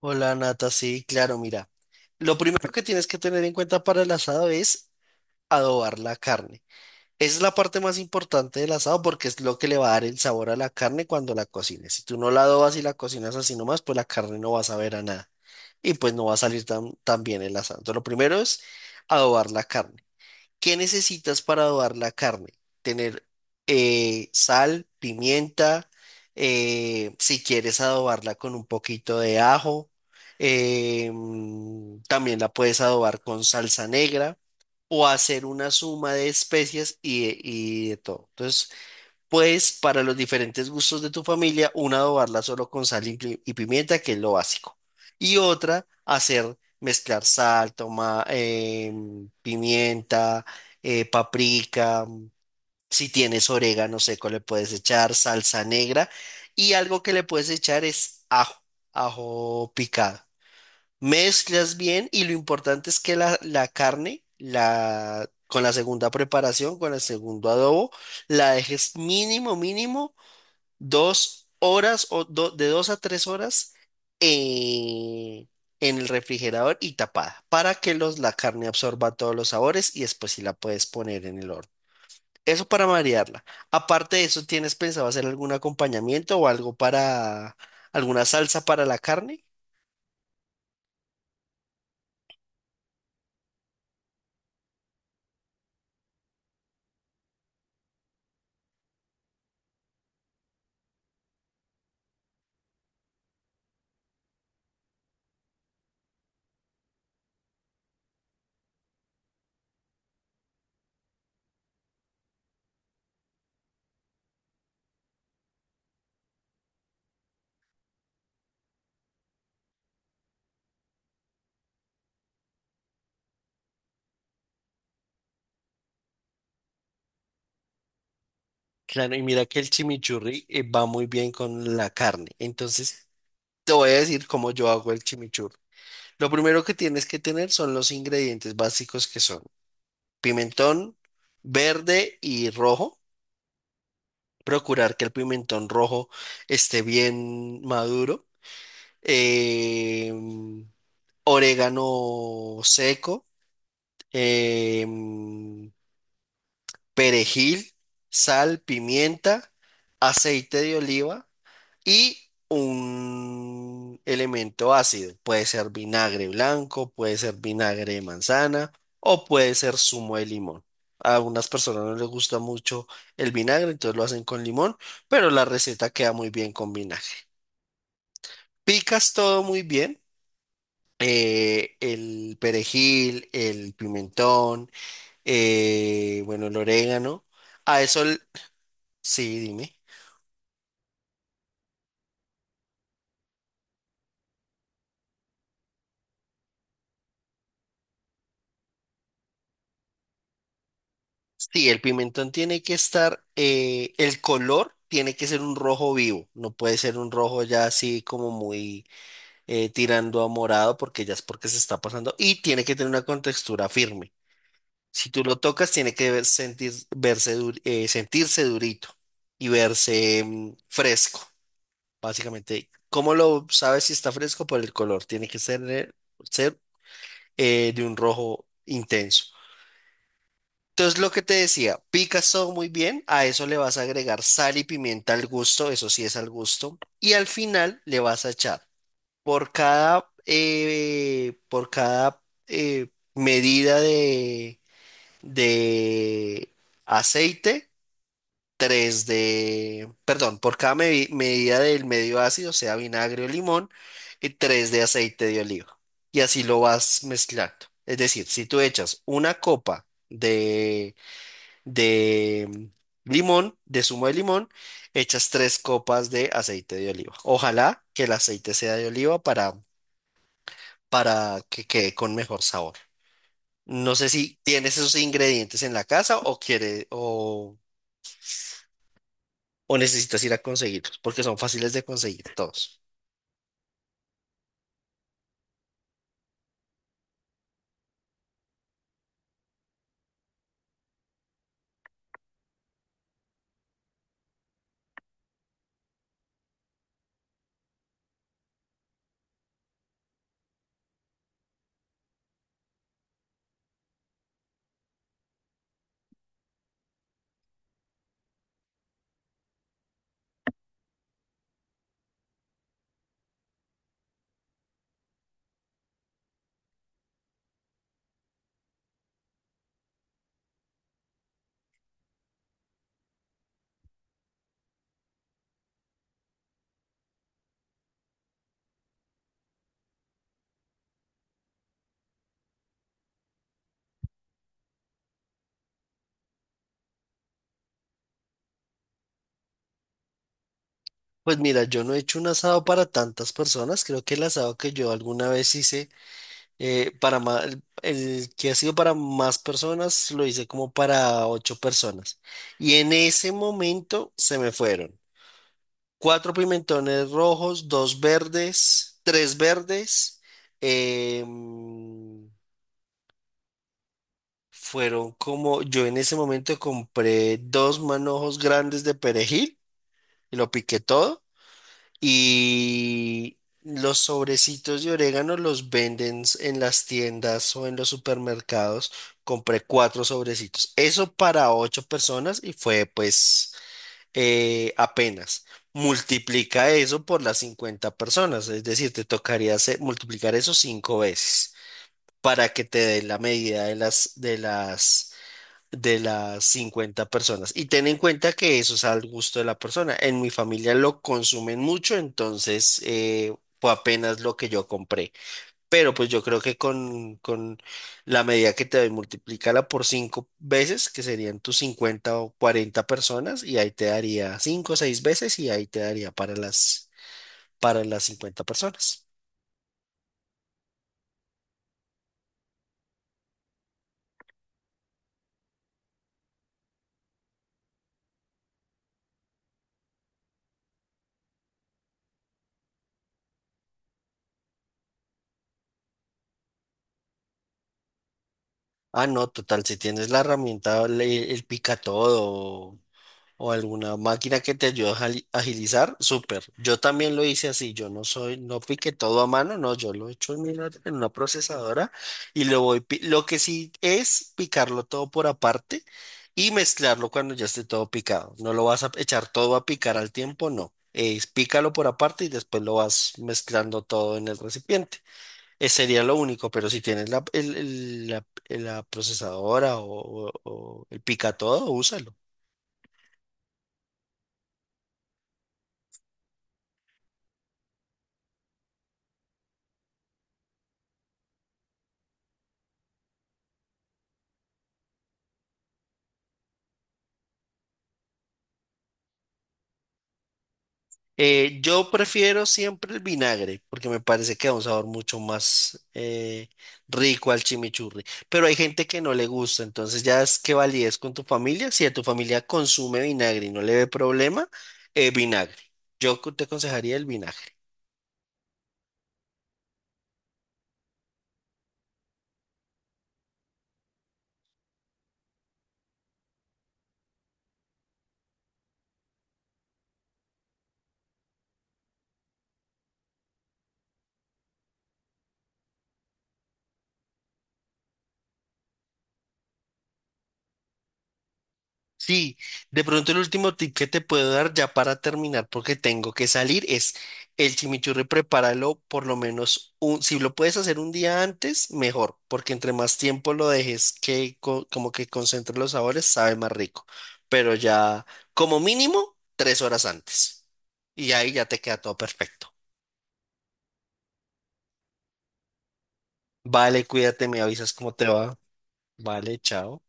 Hola Nata, sí, claro, mira. Lo primero que tienes que tener en cuenta para el asado es adobar la carne. Esa es la parte más importante del asado porque es lo que le va a dar el sabor a la carne cuando la cocines. Si tú no la adobas y la cocinas así nomás, pues la carne no va a saber a nada y pues no va a salir tan, tan bien el asado. Entonces, lo primero es adobar la carne. ¿Qué necesitas para adobar la carne? Tener sal, pimienta, si quieres adobarla con un poquito de ajo, también la puedes adobar con salsa negra o hacer una suma de especias y y de todo. Entonces, pues para los diferentes gustos de tu familia, una adobarla solo con sal y pimienta, que es lo básico. Y otra, hacer mezclar sal, toma, pimienta, paprika, si tienes orégano seco le puedes echar, salsa negra y algo que le puedes echar es ajo, ajo picado. Mezclas bien y lo importante es que la carne, con la segunda preparación, con el segundo adobo, la dejes mínimo, mínimo 2 horas o de 2 a 3 horas eh, en el refrigerador y tapada para que la carne absorba todos los sabores y después sí la puedes poner en el horno. Eso para marearla. Aparte de eso, ¿tienes pensado hacer algún acompañamiento o algo para alguna salsa para la carne? Claro, y mira que el chimichurri va muy bien con la carne. Entonces, te voy a decir cómo yo hago el chimichurri. Lo primero que tienes que tener son los ingredientes básicos que son pimentón verde y rojo. Procurar que el pimentón rojo esté bien maduro. Em, Orégano seco, em, perejil, sal, pimienta, aceite de oliva y un elemento ácido. Puede ser vinagre blanco, puede ser vinagre de manzana o puede ser zumo de limón. A unas personas no les gusta mucho el vinagre, entonces lo hacen con limón, pero la receta queda muy bien con vinagre. Picas todo muy bien. El perejil, el pimentón, bueno, el orégano. A eso, sí, dime. Sí, el pimentón tiene que estar, el color tiene que ser un rojo vivo, no puede ser un rojo ya así como muy tirando a morado porque ya es porque se está pasando y tiene que tener una contextura firme. Si tú lo tocas, tiene que sentir, verse sentirse durito y verse fresco, básicamente. ¿Cómo lo sabes si está fresco? Por el color, tiene que ser, de un rojo intenso. Entonces, lo que te decía, Picasso muy bien, a eso le vas a agregar sal y pimienta al gusto, eso sí es al gusto, y al final le vas a echar por cada medida de aceite, tres de, perdón, por cada medida del medio ácido, sea vinagre o limón, y tres de aceite de oliva. Y así lo vas mezclando. Es decir, si tú echas una copa de limón, de zumo de limón, echas tres copas de aceite de oliva. Ojalá que el aceite sea de oliva para que quede con mejor sabor. No sé si tienes esos ingredientes en la casa o quiere o necesitas ir a conseguirlos, porque son fáciles de conseguir todos. Pues mira, yo no he hecho un asado para tantas personas. Creo que el asado que yo alguna vez hice el que ha sido para más personas, lo hice como para ocho personas. Y en ese momento se me fueron cuatro pimentones rojos, dos verdes, tres verdes. em, fueron como, yo en ese momento compré dos manojos grandes de perejil y lo piqué todo. Y los sobrecitos de orégano los venden en las tiendas o en los supermercados. Compré cuatro sobrecitos. Eso para ocho personas y fue pues apenas. Multiplica eso por las 50 personas, es decir, te tocaría multiplicar eso cinco veces para que te dé la medida de las 50 personas. Y ten en cuenta que eso es al gusto de la persona. En mi familia lo consumen mucho, entonces fue apenas lo que yo compré. Pero pues yo creo que con la medida que te doy, multiplícala por cinco veces, que serían tus 50 o 40 personas, y ahí te daría cinco o seis veces y ahí te daría para las 50 personas. Ah, no, total, si tienes la herramienta, pica todo, o alguna máquina que te ayude a agilizar, súper. Yo también lo hice así, yo no soy, no piqué todo a mano, no, yo lo he hecho en una procesadora y lo voy, lo que sí es picarlo todo por aparte y mezclarlo cuando ya esté todo picado. No lo vas a echar todo a picar al tiempo, no. Es pícalo por aparte y después lo vas mezclando todo en el recipiente. Ese sería lo único, pero si tienes la, la procesadora o el pica todo, úsalo. Yo prefiero siempre el vinagre porque me parece que da un sabor mucho más rico al chimichurri. Pero hay gente que no le gusta, entonces ya es que validez con tu familia. Si a tu familia consume vinagre y no le ve problema, vinagre. Te aconsejaría el vinagre. Sí, de pronto el último tip que te puedo dar ya para terminar, porque tengo que salir, es el chimichurri, prepáralo por lo menos si lo puedes hacer un día antes, mejor, porque entre más tiempo lo dejes que como que concentre los sabores, sabe más rico. Pero ya, como mínimo, 3 horas antes. Y ahí ya te queda todo perfecto. Vale, cuídate, me avisas cómo te va. Vale, chao.